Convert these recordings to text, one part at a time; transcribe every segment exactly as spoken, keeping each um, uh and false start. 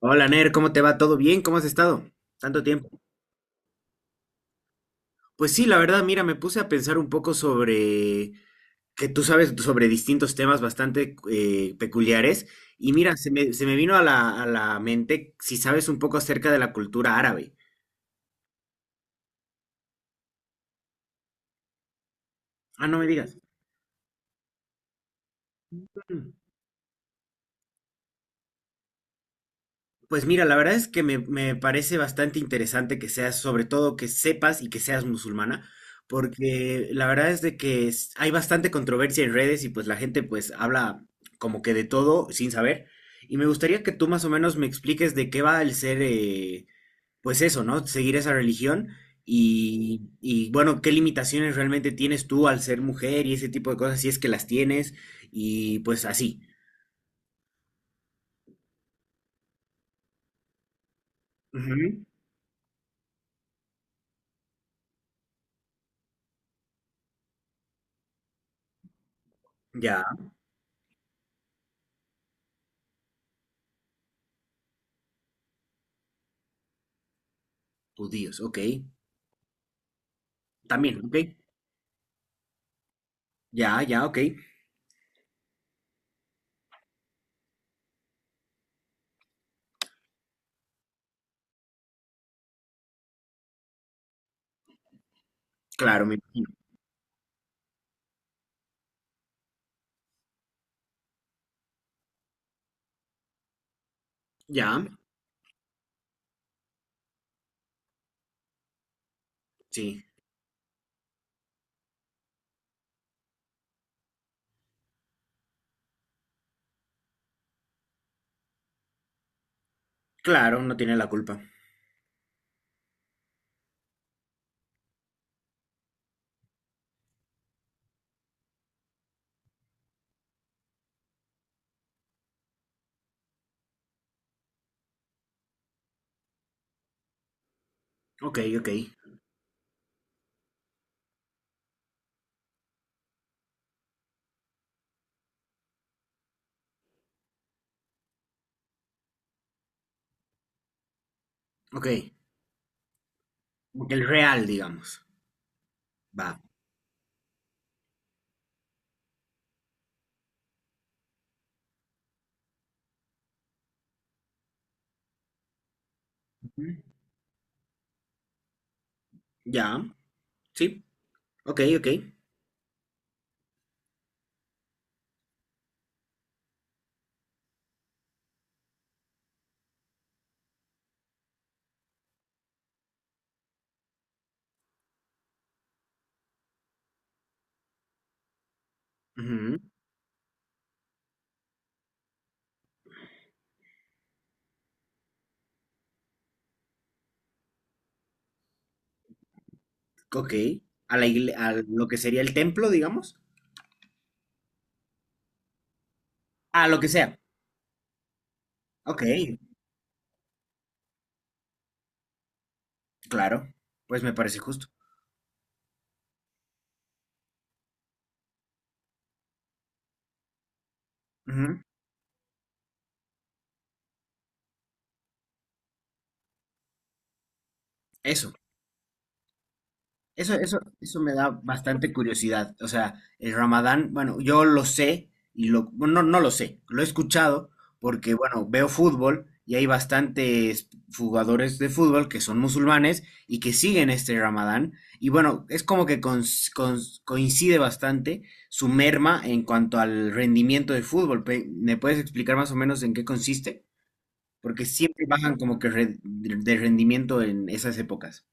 Hola Ner, ¿cómo te va? ¿Todo bien? ¿Cómo has estado? Tanto tiempo. Pues sí, la verdad, mira, me puse a pensar un poco sobre que tú sabes sobre distintos temas bastante eh, peculiares y mira, se me, se me vino a la, a la mente si sabes un poco acerca de la cultura árabe. Ah, no me digas. Pues mira, la verdad es que me, me parece bastante interesante que seas, sobre todo que sepas y que seas musulmana, porque la verdad es de que es- hay bastante controversia en redes y pues la gente pues habla como que de todo sin saber. Y me gustaría que tú más o menos me expliques de qué va el ser, eh, pues eso, ¿no? Seguir esa religión y, y bueno, qué limitaciones realmente tienes tú al ser mujer y ese tipo de cosas, si es que las tienes y pues así. Ujú. Ya, judíos, ok. También, ok. Ya, ya, ok. Claro, me imagino. Ya, sí. Claro, no tiene la culpa. Ok, ok, ok. El real, digamos. Va. Ujú. Ya, sí. Ok, ok. Ujú. Ok. A la igle- a lo que sería el templo, digamos. A lo que sea. Ok, claro. Pues me parece justo. Ujú. Eso. Eso, eso, eso me da bastante curiosidad. O sea, el Ramadán, bueno, yo lo sé y lo, bueno, no, no lo sé, lo he escuchado porque, bueno, veo fútbol y hay bastantes jugadores de fútbol que son musulmanes y que siguen este Ramadán. Y bueno, es como que cons- cons- coincide bastante su merma en cuanto al rendimiento del fútbol. Pe- ¿Me puedes explicar más o menos en qué consiste? Porque siempre bajan como que re- de rendimiento en esas épocas.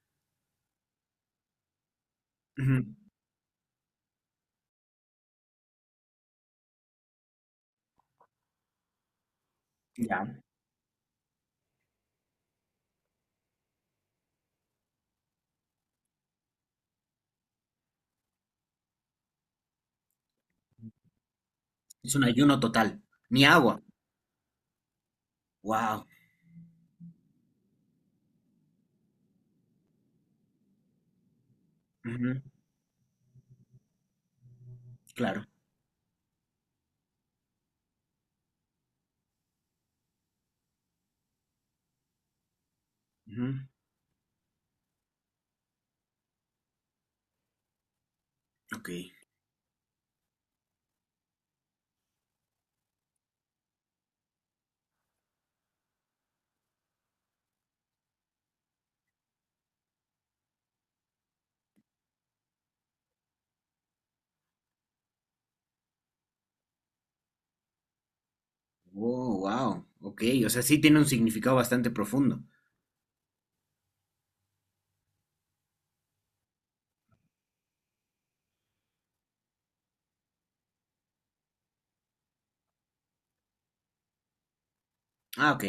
Ujú. Ya. Es un ayuno total. Ni agua. Wow. Ujú, claro. Ujú, ok. Oh, wow. Ok. O sea, sí tiene un significado bastante profundo. Ah, ok.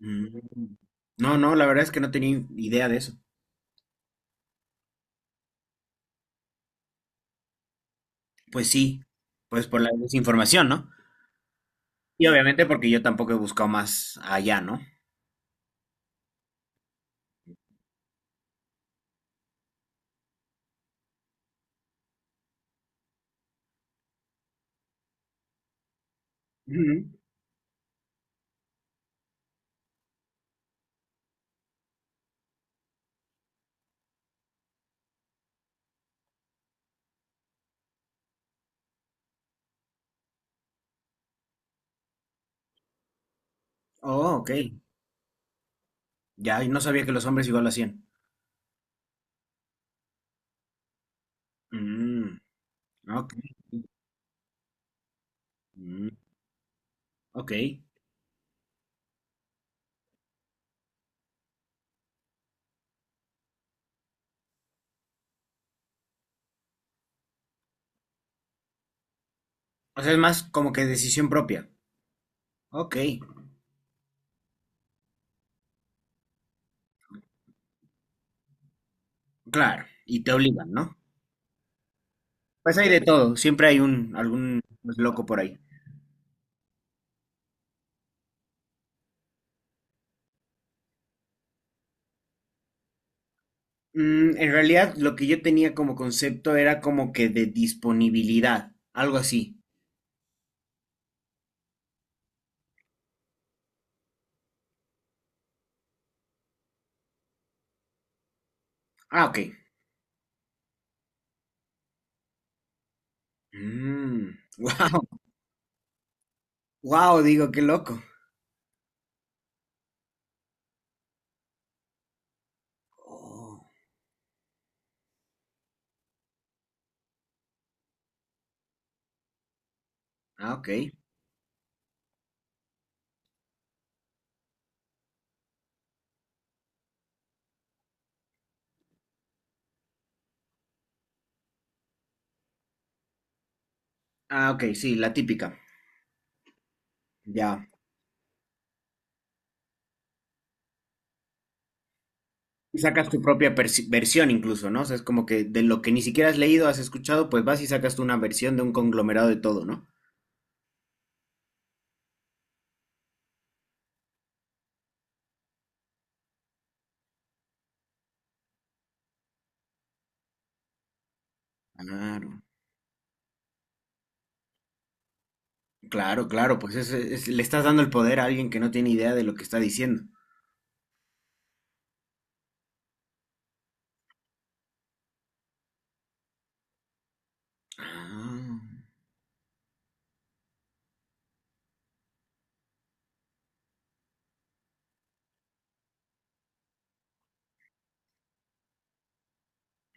Mm. No, no, la verdad es que no tenía idea de eso. Pues sí. Pues por la desinformación, ¿no? Y obviamente porque yo tampoco he buscado más allá, ¿no? Ujú. Oh, ok. Ya, y no sabía que los hombres igual lo hacían. Mm, ok. Mm, ok. O sea, es más como que decisión propia. Ok. Claro, y te obligan, ¿no? Pues hay de todo, siempre hay un algún pues, loco por ahí. Mm, en realidad, lo que yo tenía como concepto era como que de disponibilidad, algo así. Ah, ok. Wow, wow, digo, qué loco. Oh, ah, ok. Ah, ok, sí, la típica. Ya. Y sacas tu propia persi- versión incluso, ¿no? O sea, es como que de lo que ni siquiera has leído, has escuchado, pues vas y sacas tú una versión de un conglomerado de todo, ¿no? Claro. Claro, claro, pues es- es- le estás dando el poder a alguien que no tiene idea de lo que está diciendo. Ah,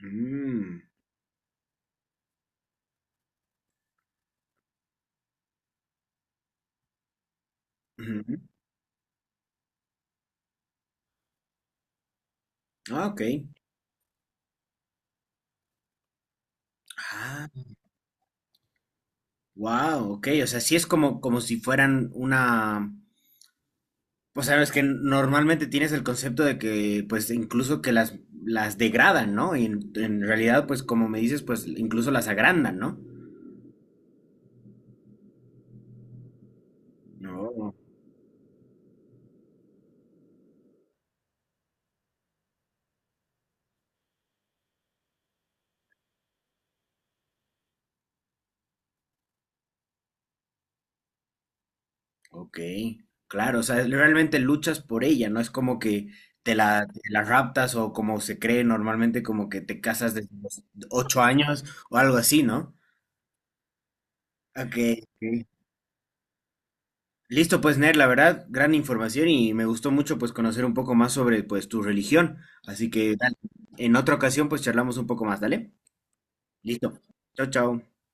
mm, ujú. Ah, ok. Ah, wow, ok. O sea, sí es como, como si fueran una. O sea, es que normalmente tienes el concepto de que, pues, incluso que las, las degradan, ¿no? Y en, en realidad, pues, como me dices, pues, incluso las agrandan, ¿no? No. Ok, claro, o sea, realmente luchas por ella, no es como que te la, te la raptas o como se cree normalmente, como que te casas desde los ocho años o algo así, ¿no? Ok, ok. Listo, pues Ner, la verdad, gran información y me gustó mucho pues conocer un poco más sobre pues tu religión, así que dale, en otra ocasión pues charlamos un poco más, ¿dale? Listo, chao, chao.